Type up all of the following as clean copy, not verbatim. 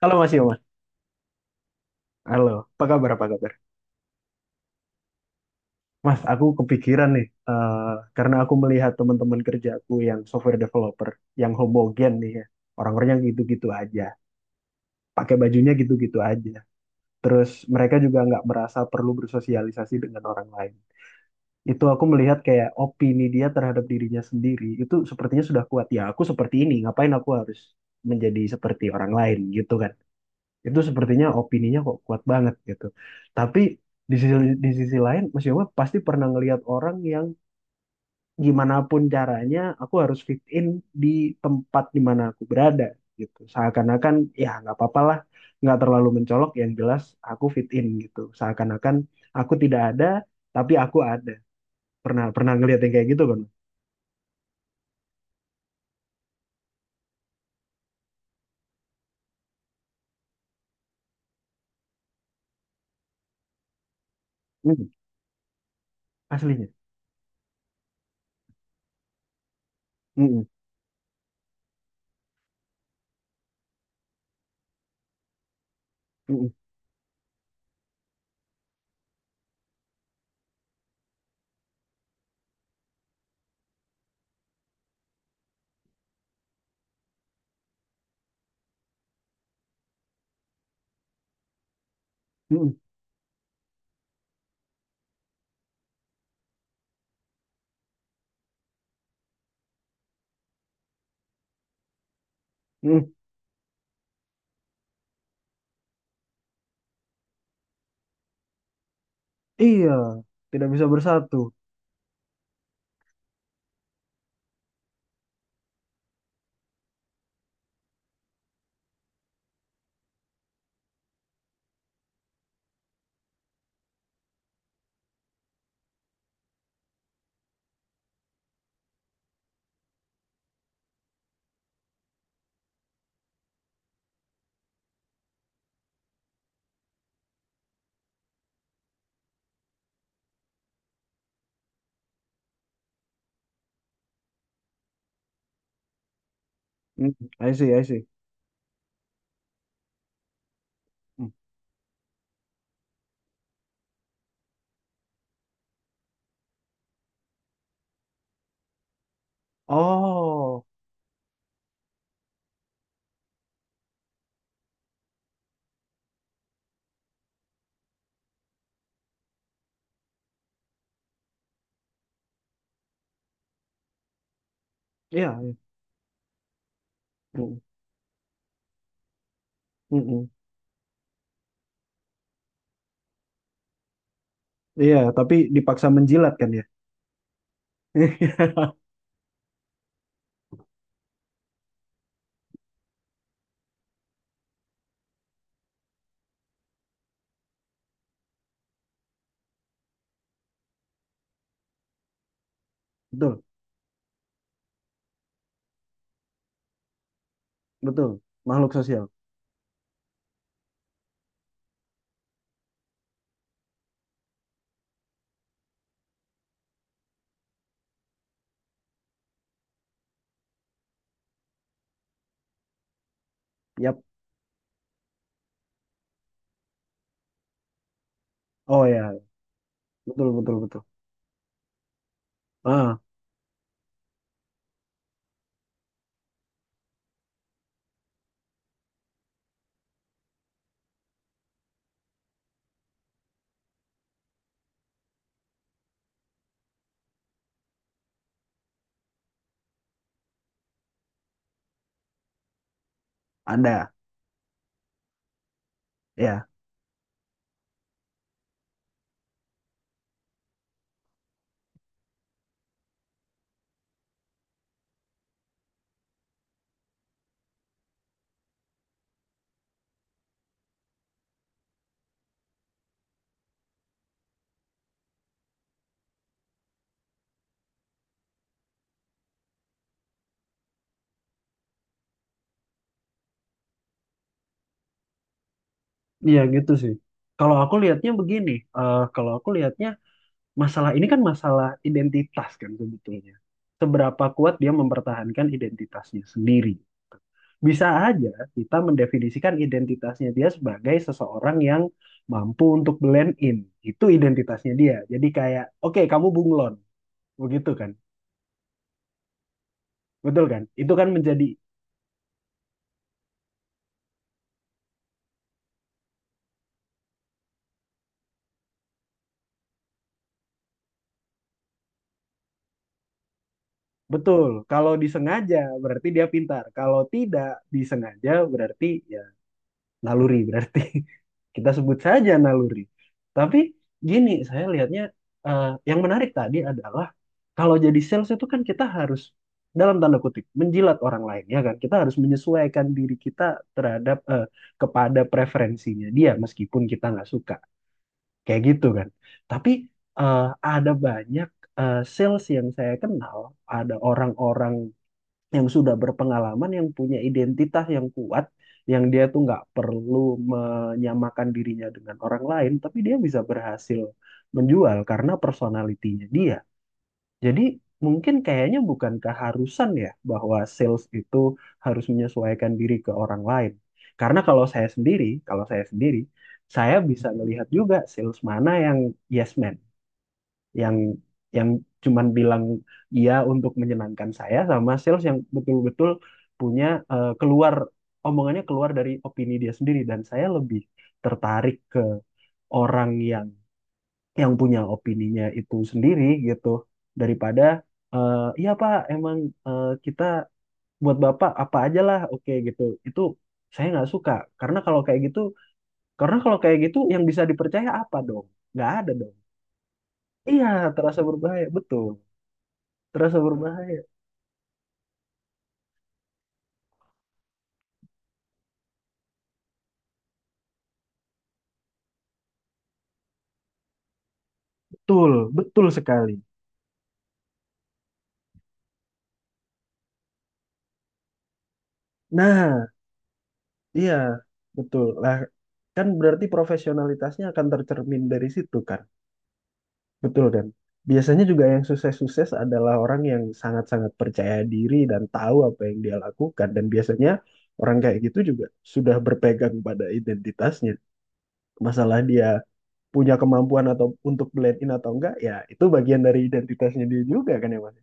Halo Mas Yoma, halo. Apa kabar? Apa kabar? Mas, aku kepikiran nih, karena aku melihat teman-teman kerjaku yang software developer, yang homogen nih ya, orang-orangnya gitu-gitu aja, pakai bajunya gitu-gitu aja. Terus mereka juga nggak merasa perlu bersosialisasi dengan orang lain. Itu aku melihat kayak opini dia terhadap dirinya sendiri itu sepertinya sudah kuat. Ya, aku seperti ini, ngapain aku harus menjadi seperti orang lain gitu kan? Itu sepertinya opininya kok kuat banget gitu. Tapi di sisi di sisi lain Mas Yoma pasti pernah ngelihat orang yang gimana pun caranya aku harus fit in di tempat di mana aku berada gitu. Seakan-akan ya nggak apa-apa lah, nggak terlalu mencolok yang jelas aku fit in gitu. Seakan-akan aku tidak ada tapi aku ada. Pernah pernah ngelihat yang kayak gitu kan? Mm, aslinya. Mm-mm, mm-mm, mm-mm, mm-mm. Iya, tidak bisa bersatu. Mm, I see, I see. Mm. Oh. Iya, iya. Mm, mm, mm. Iya, tapi dipaksa menjilat kan ya. Betul, betul. Makhluk sosial. Yap. Oh ya, betul, betul, betul. Ah, ada. Ya. Iya gitu sih. Kalau aku lihatnya begini, kalau aku lihatnya masalah ini kan masalah identitas kan sebetulnya. Seberapa kuat dia mempertahankan identitasnya sendiri. Bisa aja kita mendefinisikan identitasnya dia sebagai seseorang yang mampu untuk blend in. Itu identitasnya dia. Jadi kayak, oke kamu bunglon, begitu kan? Betul kan? Itu kan menjadi betul. Kalau disengaja berarti dia pintar. Kalau tidak disengaja berarti ya naluri berarti. Kita sebut saja naluri. Tapi gini, saya lihatnya yang menarik tadi adalah kalau jadi sales itu kan kita harus dalam tanda kutip menjilat orang lain ya kan kita harus menyesuaikan diri kita terhadap kepada preferensinya dia meskipun kita nggak suka kayak gitu kan tapi eh, ada banyak sales yang saya kenal ada orang-orang yang sudah berpengalaman yang punya identitas yang kuat yang dia tuh nggak perlu menyamakan dirinya dengan orang lain tapi dia bisa berhasil menjual karena personalitinya dia jadi mungkin kayaknya bukan keharusan ya bahwa sales itu harus menyesuaikan diri ke orang lain. Karena kalau saya sendiri, saya bisa melihat juga sales mana yang yes man, yang yang cuman bilang iya untuk menyenangkan saya sama sales yang betul-betul punya keluar omongannya keluar dari opini dia sendiri dan saya lebih tertarik ke orang yang punya opininya itu sendiri gitu daripada iya Pak emang kita buat Bapak apa aja lah oke gitu itu saya nggak suka karena kalau kayak gitu karena kalau kayak gitu yang bisa dipercaya apa dong nggak ada dong iya terasa berbahaya betul terasa berbahaya betul betul sekali nah iya betul lah kan berarti profesionalitasnya akan tercermin dari situ kan. Betul kan? Biasanya juga yang sukses-sukses adalah orang yang sangat-sangat percaya diri dan tahu apa yang dia lakukan. Dan biasanya orang kayak gitu juga sudah berpegang pada identitasnya. Masalah dia punya kemampuan atau untuk blend in atau enggak, ya itu bagian dari identitasnya dia juga kan ya Mas?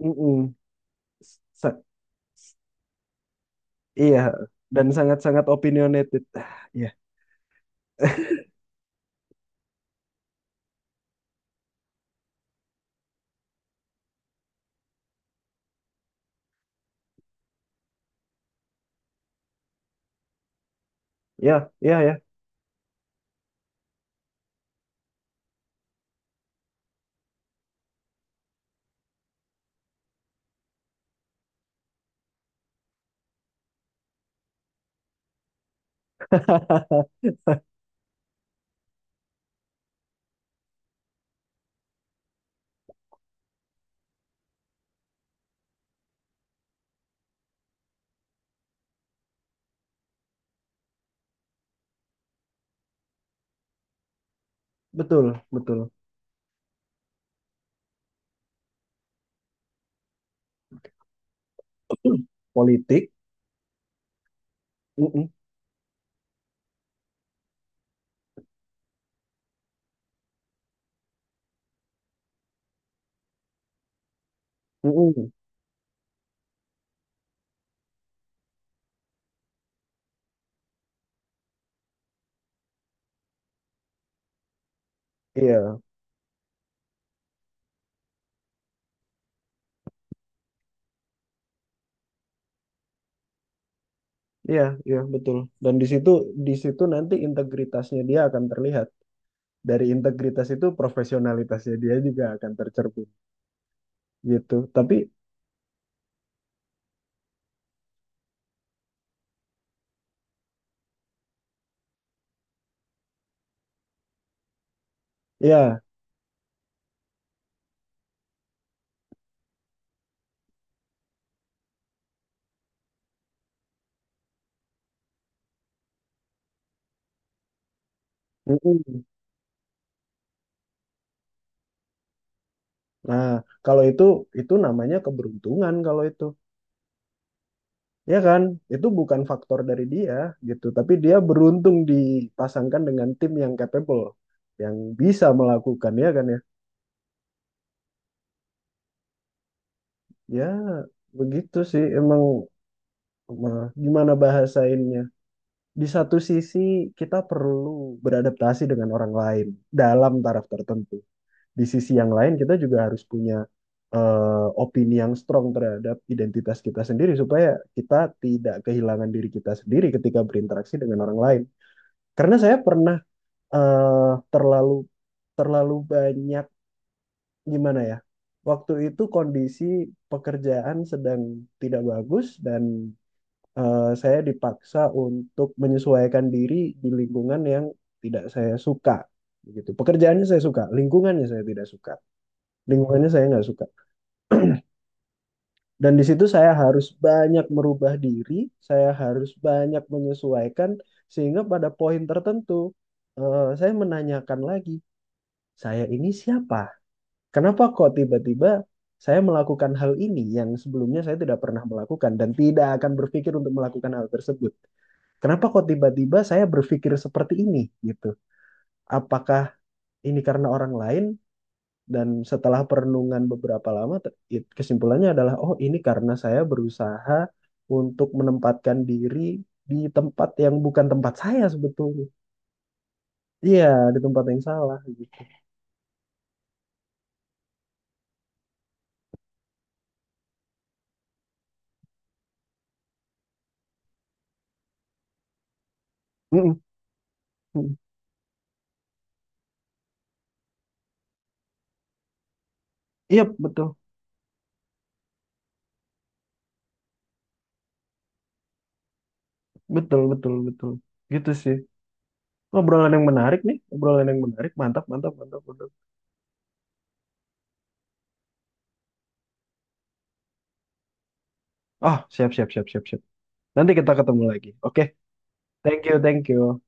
Mm-mm. Sa- Iya, dan sangat-sangat opinionated. Ah, Iya, iya, iya, iya. Betul, betul. Politik. Mm-mm, mm-mm. Iya. Iya, iya betul. Dan di situ nanti integritasnya dia akan terlihat. Dari integritas itu profesionalitasnya dia juga akan tercermin gitu. Tapi ya, mm-mm. Nah, kalau itu namanya keberuntungan kalau itu. Ya kan? Itu bukan faktor dari dia gitu, tapi dia beruntung dipasangkan dengan tim yang capable, yang bisa melakukan ya kan ya. Ya, begitu sih emang eh, gimana bahasainnya di satu sisi kita perlu beradaptasi dengan orang lain dalam taraf tertentu. Di sisi yang lain kita juga harus punya opini yang strong terhadap identitas kita sendiri supaya kita tidak kehilangan diri kita sendiri ketika berinteraksi dengan orang lain. Karena saya pernah terlalu terlalu banyak gimana ya? Waktu itu kondisi pekerjaan sedang tidak bagus dan saya dipaksa untuk menyesuaikan diri di lingkungan yang tidak saya suka. Begitu. Pekerjaannya saya suka, lingkungannya saya tidak suka, lingkungannya saya nggak suka. Dan di situ saya harus banyak merubah diri, saya harus banyak menyesuaikan, sehingga pada poin tertentu saya menanyakan lagi, saya ini siapa? Kenapa kok tiba-tiba saya melakukan hal ini yang sebelumnya saya tidak pernah melakukan dan tidak akan berpikir untuk melakukan hal tersebut. Kenapa kok tiba-tiba saya berpikir seperti ini gitu? Apakah ini karena orang lain? Dan setelah perenungan beberapa lama, kesimpulannya adalah, oh ini karena saya berusaha untuk menempatkan diri di tempat yang bukan tempat saya sebetulnya. Iya, di tempat yang salah. Mm, mm. Iya, betul, betul, betul, betul. Gitu sih. Obrolan yang menarik nih, obrolan yang menarik. Mantap, mantap, mantap, mantap. Oh, siap, siap, siap, siap, siap. Nanti kita ketemu lagi. Oke, thank you, thank you.